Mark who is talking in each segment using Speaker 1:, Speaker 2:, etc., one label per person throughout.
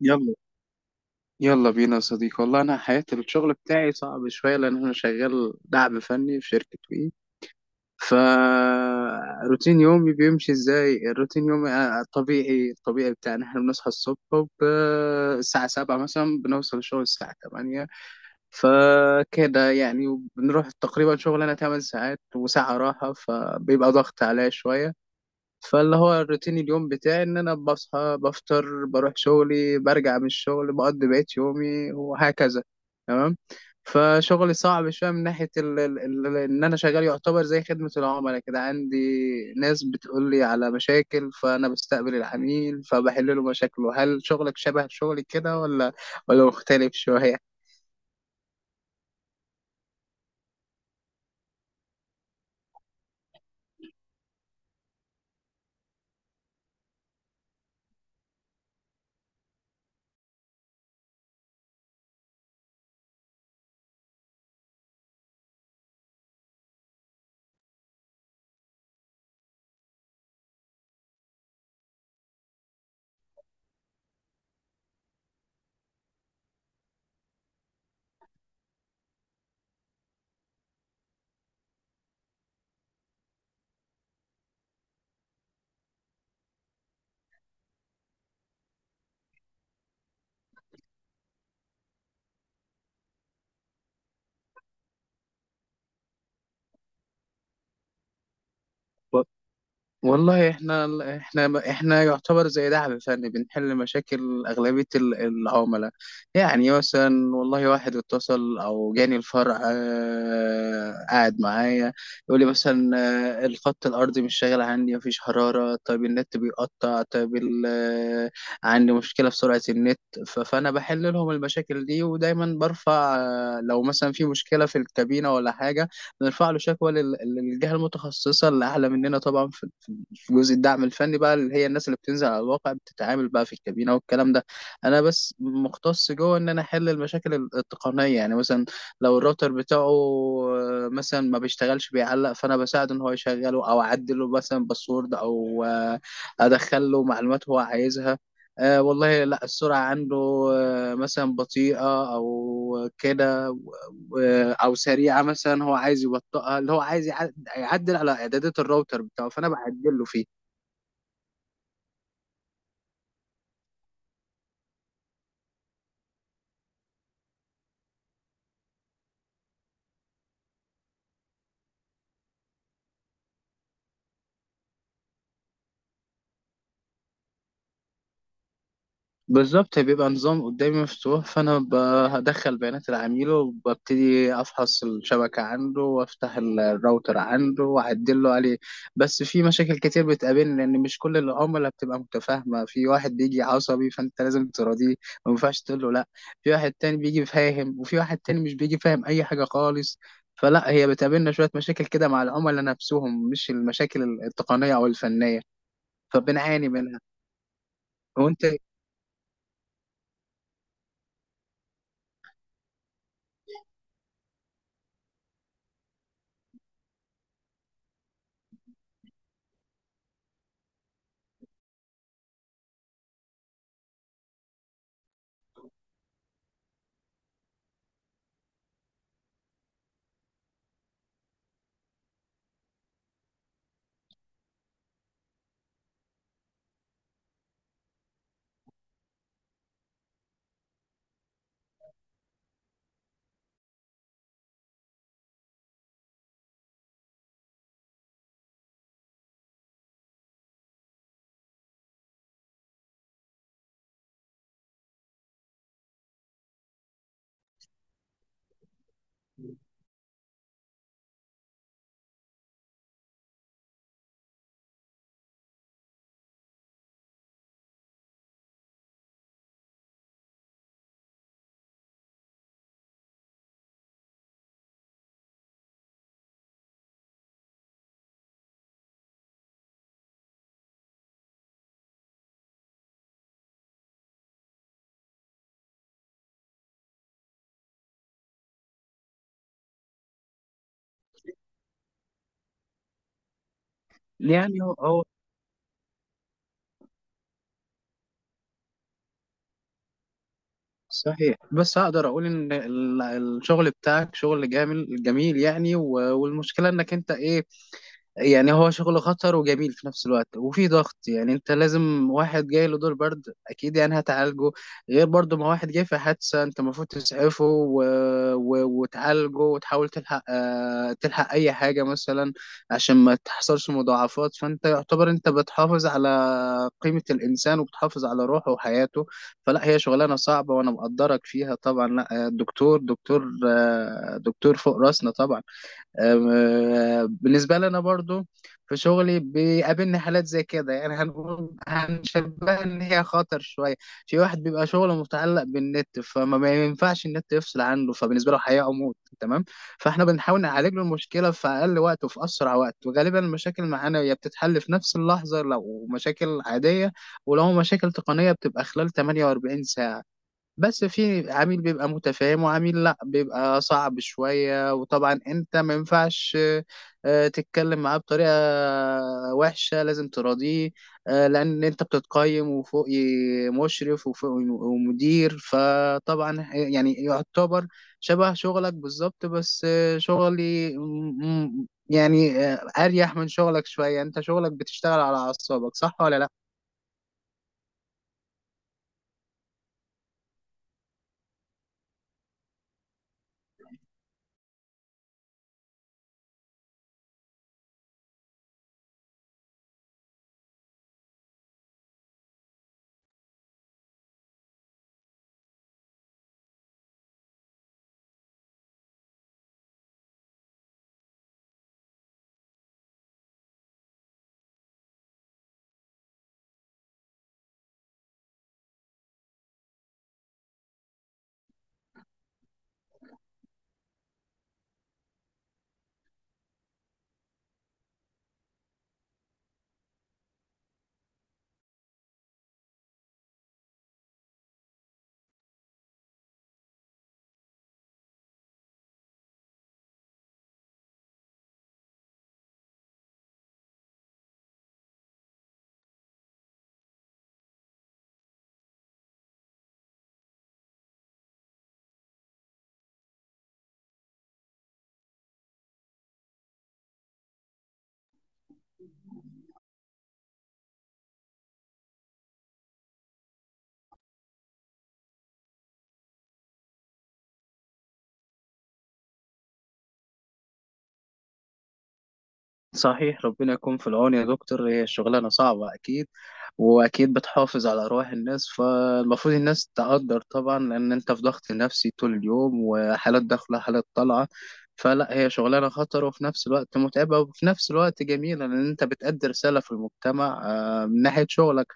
Speaker 1: يلا يلا بينا يا صديقي، والله انا حياة الشغل بتاعي صعب شوية لان انا شغال دعم فني في شركة وي. ف، روتين يومي بيمشي ازاي؟ الروتين يومي الطبيعي الطبيعي بتاعنا، احنا بنصحى الصبح الساعة 7 مثلا، بنوصل الشغل الساعة 8، فكده يعني. بنروح تقريبا شغل انا 8 ساعات وساعة راحة، فبيبقى ضغط عليا شوية. فاللي هو الروتين اليوم بتاعي ان انا بصحى بفطر بروح شغلي برجع من الشغل بقضي بقية يومي وهكذا. تمام. فشغلي صعب شوية من ناحية ان انا شغال يعتبر زي خدمة العملاء كده. عندي ناس بتقول لي على مشاكل، فانا بستقبل العميل فبحل له مشاكله. هل شغلك شبه شغلي كده ولا مختلف شوية؟ والله، احنا يعتبر زي دعم فني، بنحل مشاكل اغلبيه العملاء. يعني مثلا، والله واحد اتصل او جاني الفرع، قاعد معايا يقول لي مثلا الخط الارضي مش شغال عندي، مفيش حراره، طيب النت بيقطع، طيب عندي مشكله في سرعه النت. فانا بحل لهم المشاكل دي، ودايما برفع، لو مثلا في مشكله في الكابينه ولا حاجه نرفع له شكوى للجهة المتخصصة اللي أعلى مننا طبعا، في جزء الدعم الفني بقى، اللي هي الناس اللي بتنزل على الواقع بتتعامل بقى في الكابينة والكلام ده. انا بس مختص جوه ان انا احل المشاكل التقنية، يعني مثلا لو الراوتر بتاعه مثلا ما بيشتغلش بيعلق، فانا بساعده ان هو يشغله، او اعدله مثلا باسورد، او ادخل له معلومات هو عايزها. والله لا، السرعة عنده مثلا بطيئة او كده، او سريعه مثلا هو عايز يبطئها، اللي هو عايز يعدل على اعدادات الراوتر بتاعه فانا بعدل له فيه. بالظبط، بيبقى نظام قدامي مفتوح، فأنا هدخل بيانات العميل وببتدي أفحص الشبكة عنده، وأفتح الراوتر عنده وأعدل له عليه. بس في مشاكل كتير بتقابلني لأن مش كل العملاء بتبقى متفاهمة. في واحد بيجي عصبي فأنت لازم تراضيه، ما ينفعش تقول له لأ. في واحد تاني بيجي فاهم وفي واحد تاني مش بيجي فاهم أي حاجة خالص. فلا، هي بتقابلنا شوية مشاكل كده مع العملاء نفسهم، مش المشاكل التقنية أو الفنية، فبنعاني منها. وأنت يعني، هو صحيح، بس هقدر اقول ان الشغل بتاعك شغل جميل جميل يعني، والمشكله انك انت ايه، يعني هو شغل خطر وجميل في نفس الوقت وفي ضغط، يعني انت لازم. واحد جاي له دور برد اكيد يعني هتعالجه، غير برضه ما واحد جاي في حادثة انت المفروض تسعفه، وتعالجه وتحاول تلحق، تلحق اي حاجة مثلا عشان ما تحصلش مضاعفات. فانت يعتبر انت بتحافظ على قيمة الانسان وبتحافظ على روحه وحياته. فلا، هي شغلانة صعبة وانا مقدرك فيها طبعا. لا الدكتور دكتور دكتور فوق راسنا طبعا بالنسبة لنا برضو. في شغلي بيقابلني حالات زي كده، يعني هنقول هنشبهها إن هي خطر شوية. في واحد بيبقى شغله متعلق بالنت، فما ما ينفعش النت يفصل عنه، فبالنسبة له حياة أو موت، تمام. فإحنا بنحاول نعالج له المشكلة في أقل وقت وفي أسرع وقت، وغالبا المشاكل معانا هي بتتحل في نفس اللحظة لو مشاكل عادية، ولو مشاكل تقنية بتبقى خلال 48 ساعة. بس في عميل بيبقى متفاهم وعميل لا بيبقى صعب شوية، وطبعا انت ما ينفعش تتكلم معاه بطريقة وحشة، لازم تراضيه. لأن انت بتتقيم، وفوق مشرف وفوق ومدير، فطبعا يعني يعتبر شبه شغلك بالظبط. بس شغلي يعني أريح من شغلك شوية، انت شغلك بتشتغل على أعصابك، صح ولا لا؟ صحيح، ربنا يكون في العون يا دكتور، هي الشغلانة صعبة أكيد وأكيد بتحافظ على أرواح الناس، فالمفروض الناس تقدر طبعا لأن أنت في ضغط نفسي طول اليوم، وحالات داخلة حالات طالعة. فلا، هي شغلانة خطر وفي نفس الوقت متعبة وفي نفس الوقت جميلة لأن أنت بتأدي رسالة في المجتمع من ناحية شغلك.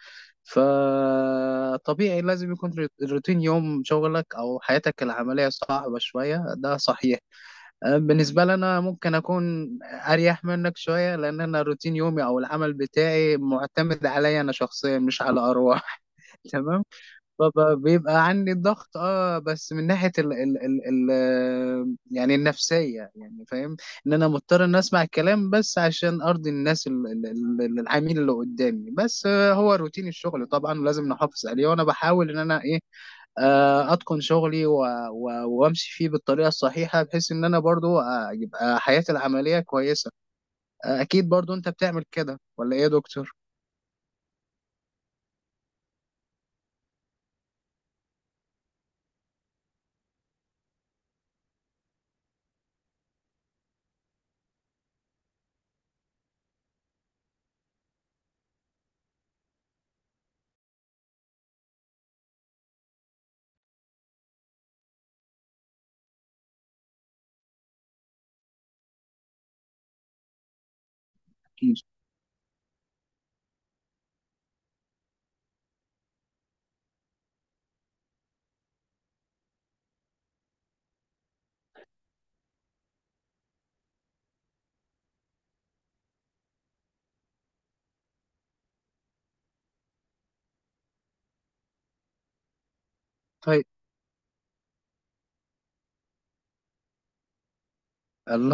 Speaker 1: فطبيعي لازم يكون روتين يوم شغلك أو حياتك العملية صعبة شوية، ده صحيح. بالنسبة لي أنا ممكن أكون أريح منك شوية لأن أنا روتين يومي أو العمل بتاعي معتمد عليا أنا شخصيا مش على أرواح تمام. فبيبقى عندي ضغط بس من ناحية ال يعني النفسية، يعني فاهم إن أنا مضطر إن أسمع الكلام بس عشان أرضي الناس العميل اللي قدامي بس. هو روتين الشغل طبعا ولازم نحافظ عليه. وأنا بحاول إن أنا إيه، اتقن شغلي وامشي فيه بالطريقه الصحيحه بحيث ان انا برضو يبقى حياتي العمليه كويسه. اكيد برضو انت بتعمل كده ولا ايه يا دكتور؟ اكيد. طيب. الله.